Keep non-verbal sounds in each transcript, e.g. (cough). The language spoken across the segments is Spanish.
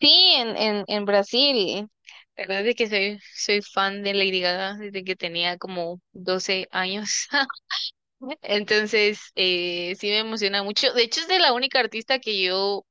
Sí, en Brasil. La verdad es que soy fan de Lady Gaga desde que tenía como 12 años. (laughs) Entonces, sí me emociona mucho. De hecho, es de la única artista que yo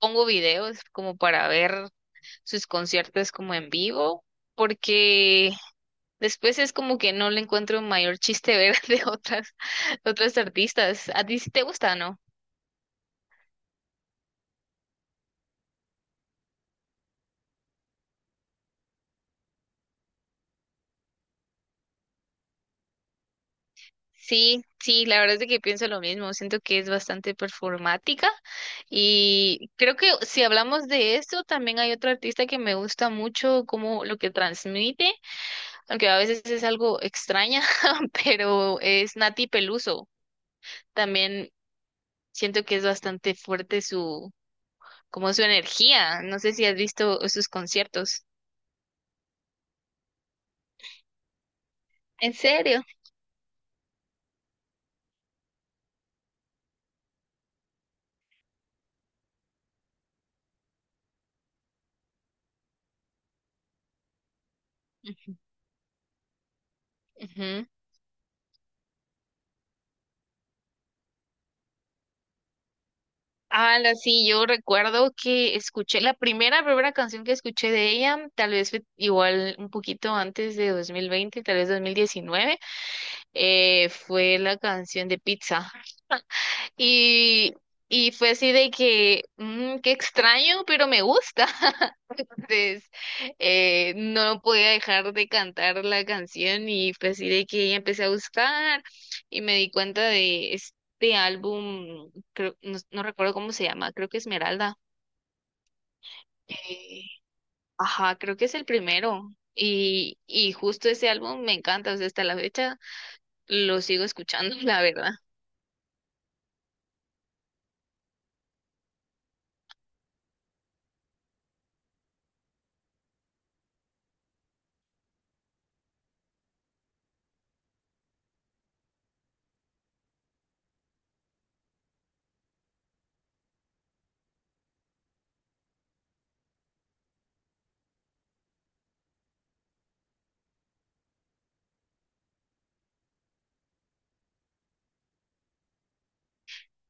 pongo videos como para ver sus conciertos como en vivo, porque después es como que no le encuentro mayor chiste ver (laughs) de otras artistas. ¿A ti sí te gusta, no? Sí, sí, la verdad es de que pienso lo mismo. Siento que es bastante performática y creo que si hablamos de eso, también hay otro artista que me gusta mucho como lo que transmite, aunque a veces es algo extraña, (laughs) pero es Nati Peluso. También siento que es bastante fuerte su, como su energía. No sé si has visto sus conciertos. ¿En serio? Ujú, ujú. Ah, sí, yo recuerdo que escuché la primera canción que escuché de ella, tal vez fue igual un poquito antes de 2020, tal vez 2019. Fue la canción de Pizza. Y, y fue así de que, qué extraño, pero me gusta. (laughs) Entonces, no podía dejar de cantar la canción y fue así de que ya empecé a buscar y me di cuenta de este álbum, creo, no recuerdo cómo se llama. Creo que Esmeralda. Eh, ajá, creo que es el primero. Y justo ese álbum me encanta, o sea, hasta la fecha lo sigo escuchando, (laughs) la verdad.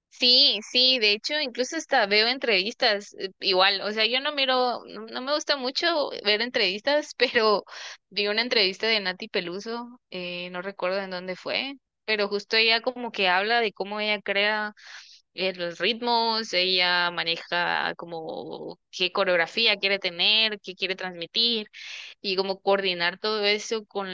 Sí, sí, de hecho, incluso hasta veo entrevistas, igual, o sea, yo no miro, no, no me gusta mucho ver entrevistas, (laughs) pero vi una entrevista de Nati Peluso, no recuerdo en dónde fue, pero justo ella como que habla de cómo ella crea los ritmos. Ella maneja como qué coreografía quiere tener, qué quiere transmitir, y como coordinar todo eso con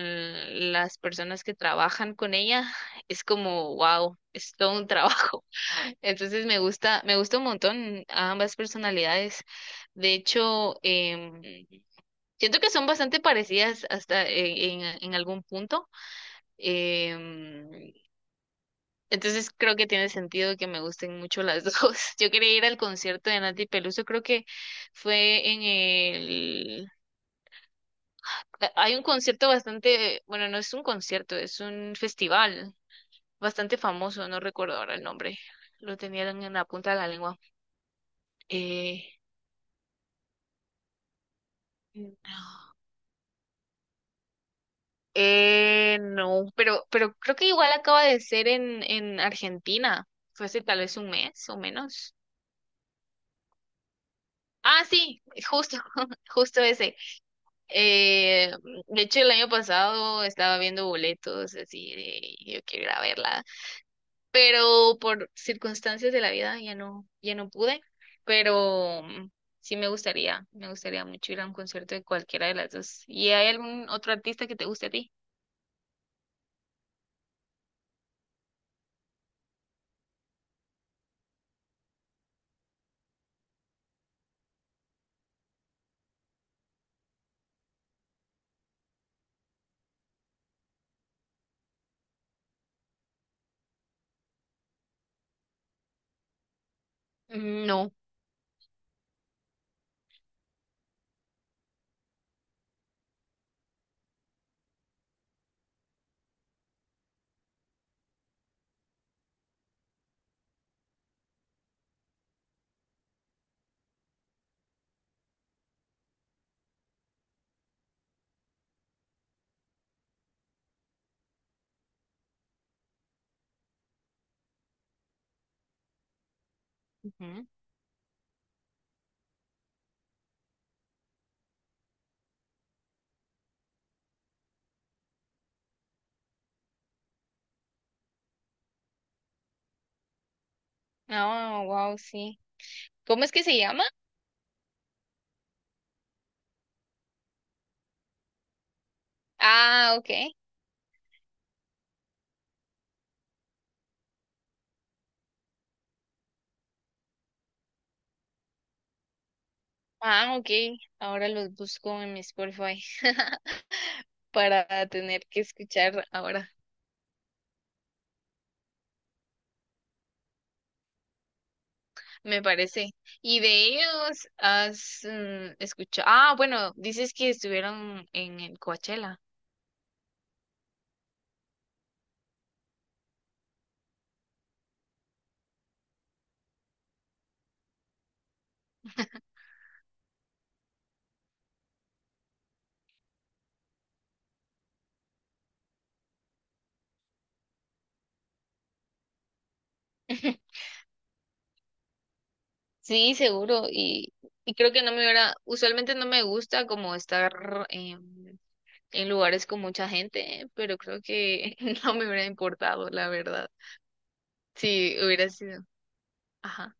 las personas que trabajan con ella. Es como, wow, es todo un trabajo. (laughs) Entonces me gusta un montón ambas personalidades. De hecho, siento que son bastante parecidas hasta en, en algún punto. Em, entonces creo que tiene sentido que me gusten mucho las (laughs) dos. Yo quería ir al concierto de Nati Peluso, creo que fue en el. Hay un concierto bastante, bueno, no es un concierto, es un festival bastante famoso. No recuerdo ahora el nombre. Lo tenían en la punta de la lengua. Eh, Mm. No, pero creo que igual acaba de ser en Argentina. Fue hace tal vez un mes o menos. Ah, sí, justo, (laughs) justo ese. Eh, de hecho, el año pasado estaba viendo boletos así de yo quiero ir a verla, pero por circunstancias de la vida ya no pude, pero sí me gustaría mucho ir a un concierto de cualquiera de las dos. ¿Y hay algún otro artista que te guste a ti? Mm, no. Ujú. Ah, wow, sí. ¿Cómo es que se llama? Ah, ok. Ah, ok. Ahora los busco en mi Spotify (laughs) para tener que escuchar ahora, me parece. ¿Y de ellos has escuchado? Ah, bueno, dices que estuvieron en el Coachella. (laughs) Sí, seguro. Y creo que no me hubiera, usualmente no me gusta como estar en lugares con mucha gente, ¿eh? Pero creo que (laughs) no me hubiera importado, la verdad. Sí, hubiera sido. Ajá.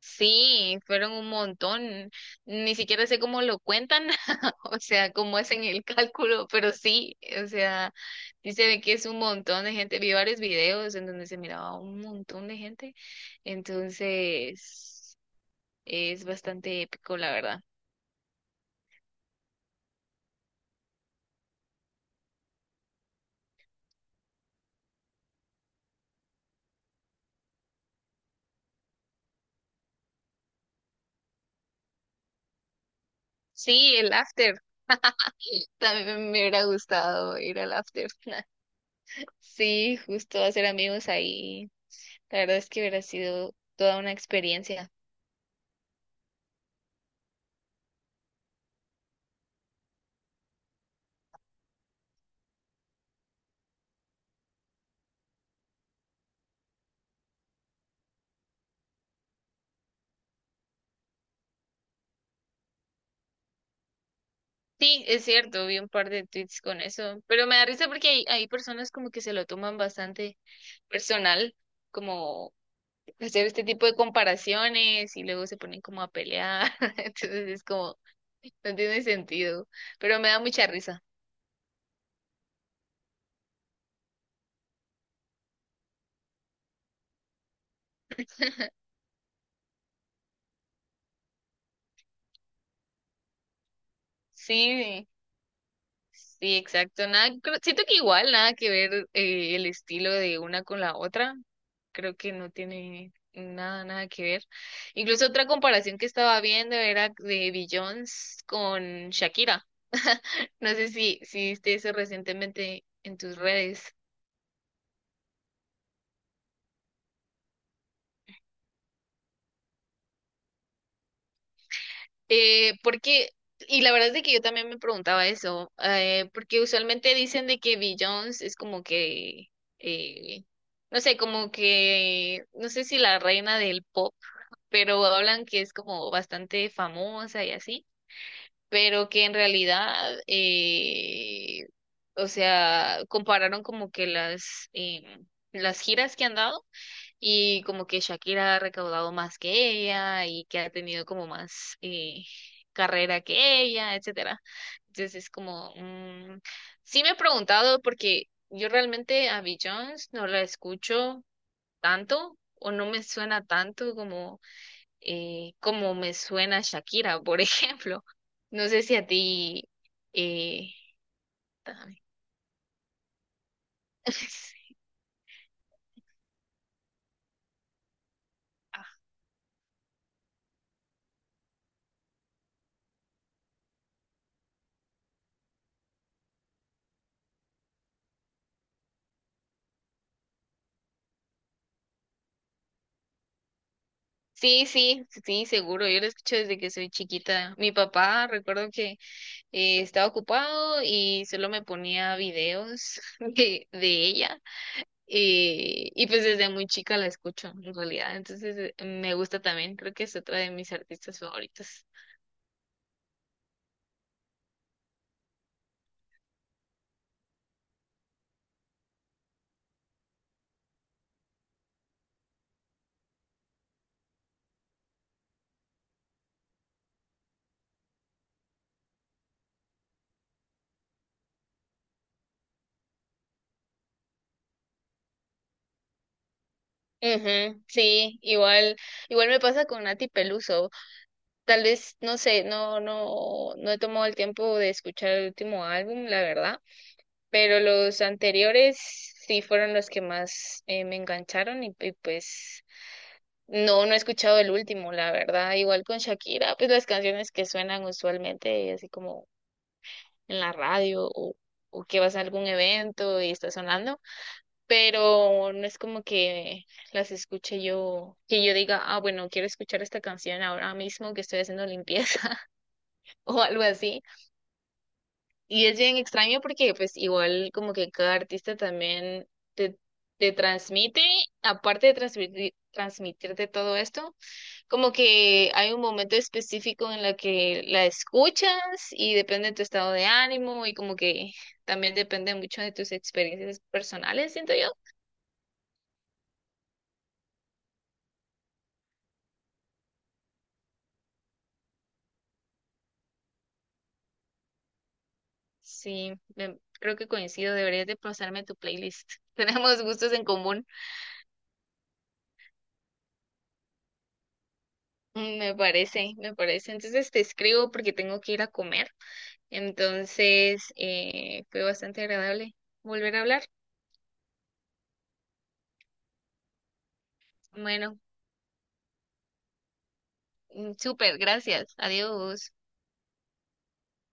Sí, fueron un montón. Ni siquiera sé cómo lo cuentan, (laughs) o sea, cómo hacen el cálculo, pero sí, o sea, sí se ve que es un montón de gente. Vi varios videos en donde se miraba un montón de gente. Entonces. Es bastante épico, la verdad. Sí, el after. También me hubiera gustado ir al after. (laughs) Sí, justo hacer amigos ahí. La verdad es que hubiera sido toda una experiencia. Sí, es cierto, vi un par de tweets con eso, pero me da risa porque hay personas como que se lo toman bastante personal, como hacer este tipo de comparaciones y luego se ponen como a pelear, (laughs) entonces es como, no tiene sentido, pero me da mucha risa. Sí, sí, exacto. Nada, siento que igual nada que ver el estilo de una con la otra. Creo que no tiene nada, nada que ver. Incluso otra comparación que estaba viendo era de Beyoncé con Shakira. (laughs) No sé si viste eso recientemente en tus redes. Eh, porque, y la verdad es de que yo también me preguntaba eso, porque usualmente dicen de que Beyoncé es como que, eh, no sé, como que, no sé si la reina del pop, pero hablan que es como bastante famosa y así, pero que en realidad, o sea, compararon como que las giras que han dado y como que Shakira ha recaudado más que ella y que ha tenido como más carrera que ella, etcétera. Entonces es como, sí me he preguntado porque yo realmente a Jones no la escucho tanto o no me suena tanto como me suena Shakira, por (laughs) ejemplo. No sé si a ti. eh, Espérame. (laughs) Ah, sí, sí, sí, seguro. Yo lo escucho desde que soy chiquita. Mi papá, recuerdo que estaba ocupado y solo me ponía videos (laughs) de ella. Y pues desde muy chica la escucho, en realidad. Entonces me gusta también. Creo que es otra de mis artistas favoritas. Ujú, sí, igual me pasa con Nati Peluso. Tal vez, no sé, no he tomado el tiempo de escuchar el último álbum, la verdad, pero los anteriores sí fueron los que más me engancharon y pues no he escuchado el último, la verdad. Igual con Shakira, pues las canciones que suenan usualmente así como en la radio o que vas a algún evento y está sonando, pero no es como que las escuche yo, que yo diga, ah, bueno, quiero escuchar esta canción ahora mismo que estoy haciendo limpieza (laughs) o algo así. Y es bien extraño porque pues igual como que cada artista también te, te transmite, aparte de transmitirte todo esto, como que hay un momento específico en la que la escuchas y depende de tu estado de ánimo y como que también depende mucho de tus experiencias personales, siento yo. Sí, creo que coincido, deberías de pasarme tu playlist. (laughs) Tenemos gustos en común. Me parece. Entonces te escribo porque tengo que ir a comer. Entonces, fue bastante agradable volver a hablar. Bueno, súper, gracias. Adiós.